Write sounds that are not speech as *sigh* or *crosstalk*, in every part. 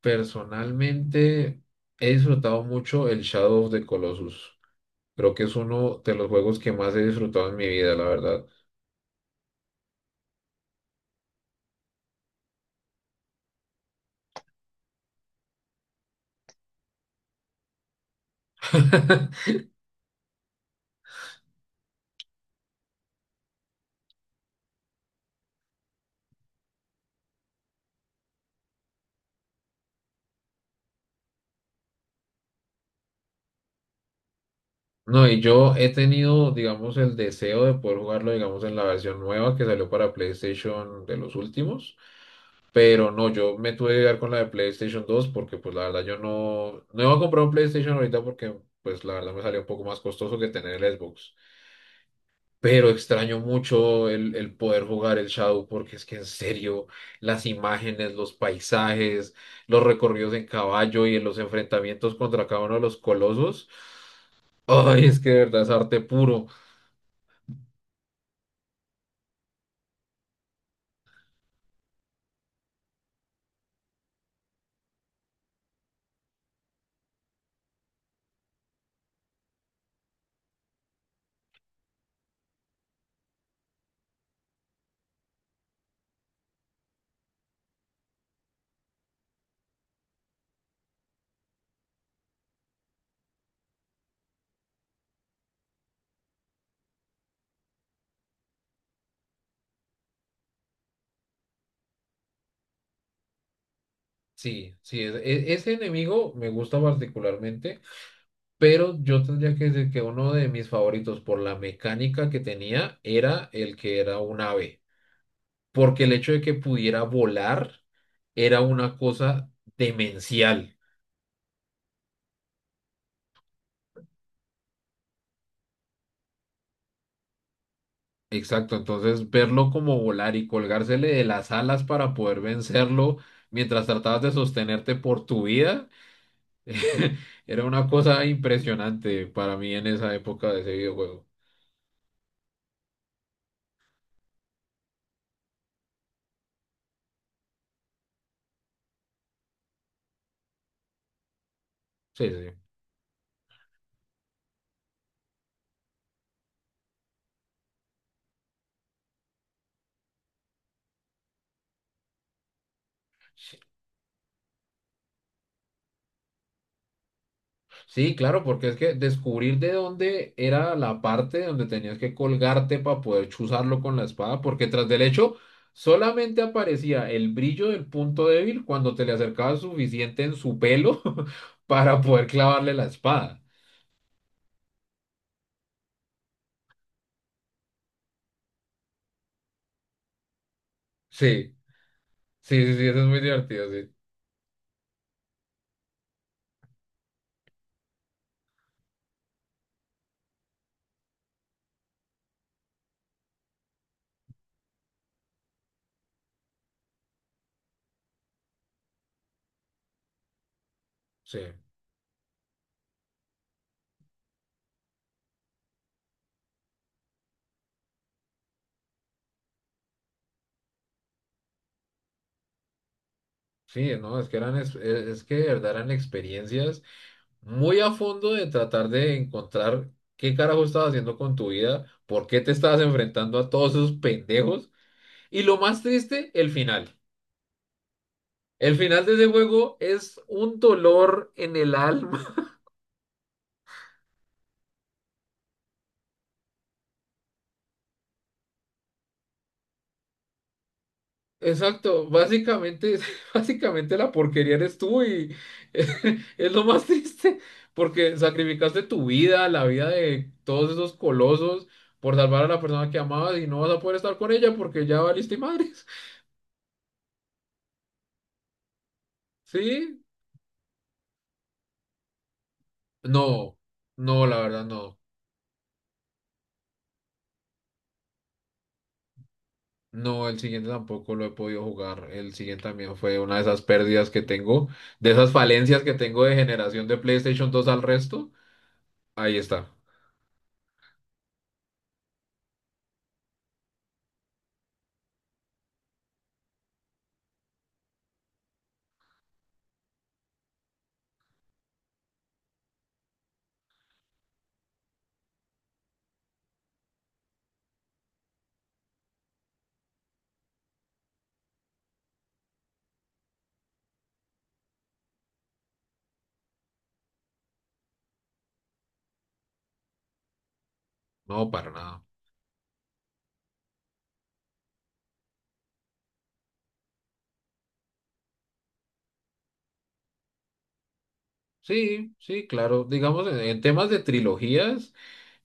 Personalmente he disfrutado mucho el Shadow of the Colossus. Creo que es uno de los juegos que más he disfrutado en mi vida, la verdad. No, y yo he tenido, digamos, el deseo de poder jugarlo, digamos, en la versión nueva que salió para PlayStation de los últimos. Pero no, yo me tuve que quedar con la de PlayStation 2 porque, pues, la verdad, yo no iba a comprar un PlayStation ahorita porque, pues, la verdad me salió un poco más costoso que tener el Xbox. Pero extraño mucho el poder jugar el Shadow porque es que en serio, las imágenes, los paisajes, los recorridos en caballo y en los enfrentamientos contra cada uno de los colosos, ay, es que de verdad es arte puro. Sí, sí, ese enemigo me gusta particularmente, pero yo tendría que decir que uno de mis favoritos por la mecánica que tenía era el que era un ave, porque el hecho de que pudiera volar era una cosa demencial. Exacto, entonces verlo como volar y colgársele de las alas para poder vencerlo mientras tratabas de sostenerte por tu vida era una cosa impresionante para mí en esa época de ese videojuego. Sí, sí. Sí, claro, porque es que descubrir de dónde era la parte donde tenías que colgarte para poder chuzarlo con la espada, porque tras del hecho solamente aparecía el brillo del punto débil cuando te le acercabas suficiente en su pelo *laughs* para poder clavarle la espada. Sí, sí, sí, sí, eso es muy divertido, sí. Sí, sí, no, es que eran, es que de verdad eran experiencias muy a fondo de tratar de encontrar qué carajo estabas haciendo con tu vida, por qué te estabas enfrentando a todos esos pendejos. Y lo más triste, el final. El final de ese juego es un dolor en el alma. *laughs* Exacto, básicamente, *laughs* básicamente la porquería eres tú y *laughs* es lo más triste porque sacrificaste tu vida, la vida de todos esos colosos por salvar a la persona que amabas y no vas a poder estar con ella porque ya valiste madres. *laughs* Sí, no, no, la verdad no. No, el siguiente tampoco lo he podido jugar. El siguiente también fue una de esas pérdidas que tengo, de esas falencias que tengo de generación de PlayStation 2 al resto. Ahí está. No, para nada. Sí, sí, claro. Digamos, en temas de trilogías,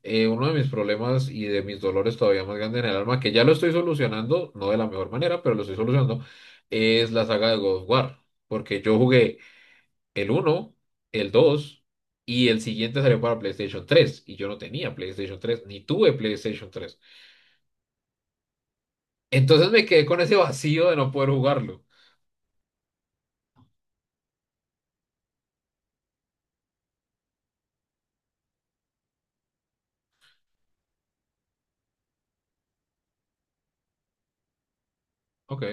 uno de mis problemas y de mis dolores todavía más grandes en el alma, que ya lo estoy solucionando, no de la mejor manera, pero lo estoy solucionando, es la saga de God of War. Porque yo jugué el uno, el 2 y el siguiente salió para PlayStation 3 y yo no tenía PlayStation 3 ni tuve PlayStation 3. Entonces me quedé con ese vacío de no poder jugarlo. Ok,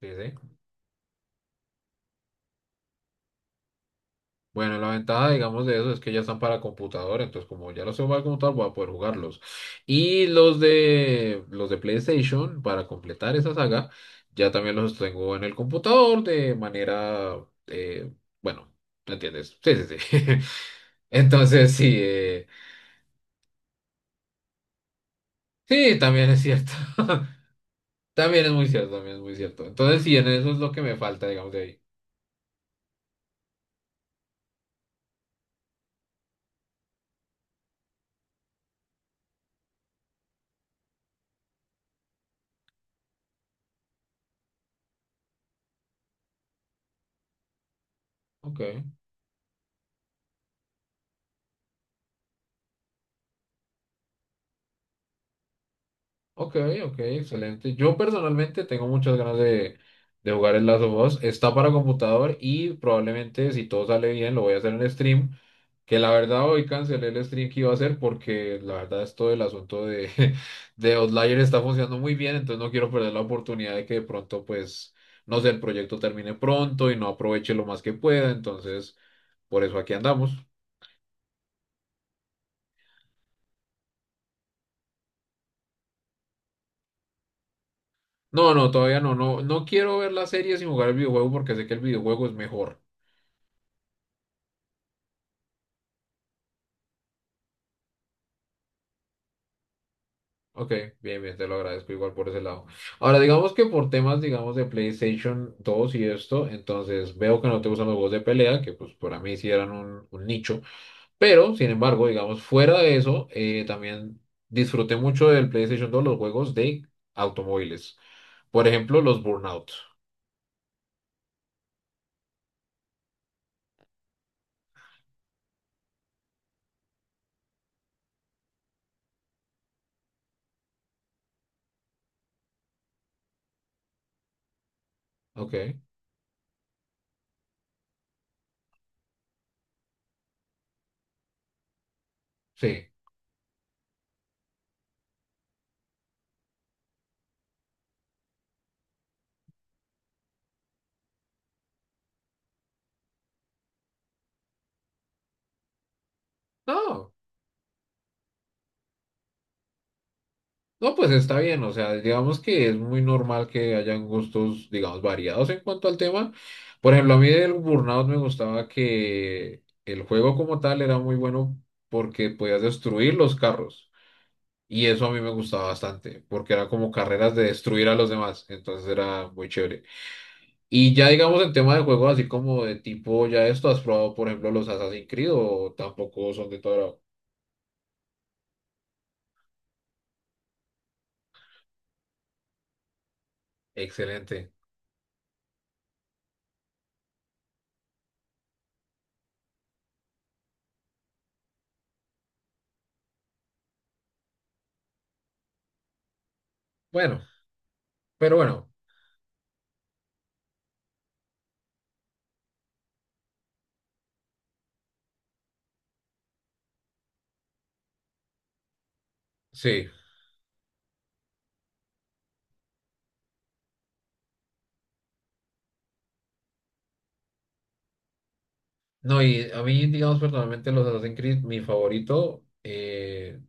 sí, sí. Bueno, la ventaja, digamos, de eso es que ya están para computadora, entonces como ya los sé jugar como tal, voy a poder jugarlos. Y los de PlayStation, para completar esa saga, ya también los tengo en el computador de manera, bueno, ¿me entiendes? Sí, sí, sí. *laughs* Entonces, sí, sí, también es cierto. *laughs* También es muy cierto, también es muy cierto. Entonces, sí, en eso es lo que me falta, digamos, de ahí. Ok, ok, ok, excelente. Yo personalmente tengo muchas ganas de jugar el Last of Us. Está para computador y probablemente, si todo sale bien, lo voy a hacer en stream. Que la verdad hoy cancelé el stream que iba a hacer porque la verdad es todo el asunto de, *laughs* de Outlier está funcionando muy bien, entonces no quiero perder la oportunidad de que de pronto pues, no sé, el proyecto termine pronto y no aproveche lo más que pueda, entonces por eso aquí andamos. No, no, todavía no, no quiero ver las series y jugar el videojuego porque sé que el videojuego es mejor. Ok, bien, bien, te lo agradezco igual por ese lado. Ahora, digamos que por temas, digamos, de PlayStation 2 y esto, entonces veo que no te gustan los juegos de pelea, que pues para mí sí eran un nicho. Pero, sin embargo, digamos, fuera de eso, también disfruté mucho del PlayStation 2 los juegos de automóviles. Por ejemplo, los Burnout. Ok, sí. No, no, pues está bien. O sea, digamos que es muy normal que hayan gustos, digamos, variados en cuanto al tema. Por ejemplo, a mí del Burnout me gustaba que el juego como tal era muy bueno porque podías destruir los carros. Y eso a mí me gustaba bastante, porque era como carreras de destruir a los demás. Entonces era muy chévere. Y ya digamos en tema de juegos así como de tipo, ¿ya esto has probado, por ejemplo, los Assassin's Creed o tampoco son de todo agrado? Excelente. Bueno, pero bueno, sí. No, y a mí, digamos, personalmente los Assassin's Creed, mi favorito,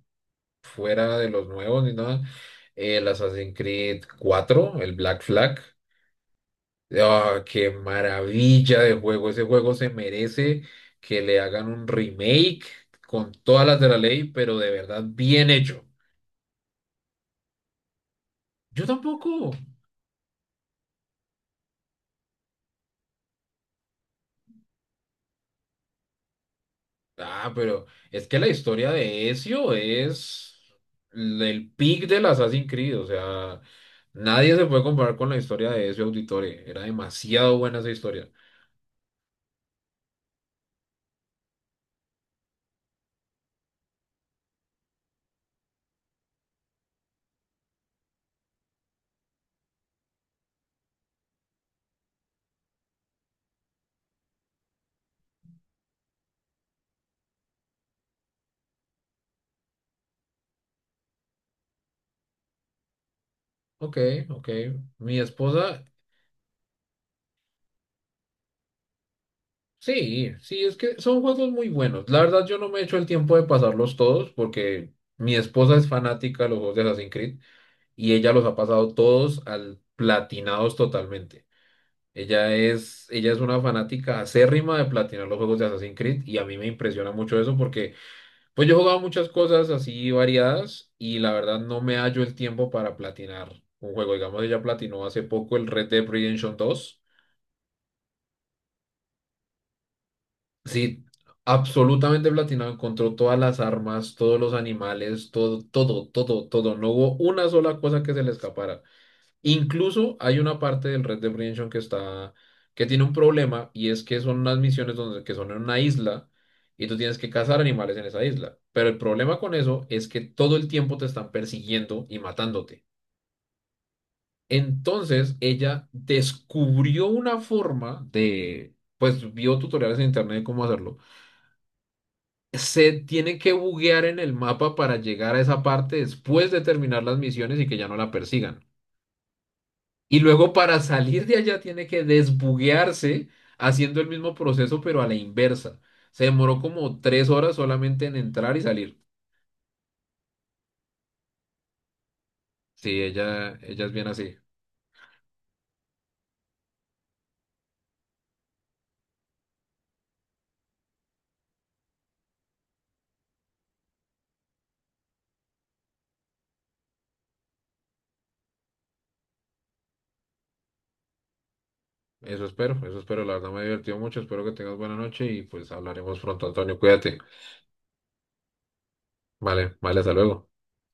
fuera de los nuevos ni nada, el Assassin's Creed 4 el Black Flag. ¡Ah, qué maravilla de juego! Ese juego se merece que le hagan un remake con todas las de la ley, pero de verdad bien hecho. Yo tampoco. Ah, pero es que la historia de Ezio es el pic del Assassin's Creed, o sea, nadie se puede comparar con la historia de Ezio Auditore, era demasiado buena esa historia. Ok, ok, mi esposa, sí, sí, es que son juegos muy buenos. La verdad yo no me he hecho el tiempo de pasarlos todos porque mi esposa es fanática de los juegos de Assassin's Creed y ella los ha pasado todos al platinados totalmente. Ella es una fanática acérrima de platinar los juegos de Assassin's Creed y a mí me impresiona mucho eso porque pues yo he jugado muchas cosas así variadas y la verdad no me hallo el tiempo para platinar un juego. Digamos, ella platinó hace poco el Red Dead Redemption 2. Sí, absolutamente platinado, encontró todas las armas, todos los animales, todo, todo, todo, todo. No hubo una sola cosa que se le escapara. Incluso hay una parte del Red Dead Redemption que tiene un problema y es que son unas misiones que son en una isla y tú tienes que cazar animales en esa isla. Pero el problema con eso es que todo el tiempo te están persiguiendo y matándote. Entonces ella descubrió una forma pues vio tutoriales en internet de cómo hacerlo. Se tiene que buguear en el mapa para llegar a esa parte después de terminar las misiones y que ya no la persigan. Y luego para salir de allá tiene que desbuguearse haciendo el mismo proceso, pero a la inversa. Se demoró como 3 horas solamente en entrar y salir. Sí, ella es bien así. Eso espero, eso espero. La verdad me divertido mucho. Espero que tengas buena noche y pues hablaremos pronto, Antonio. Cuídate. Vale, vale, hasta luego.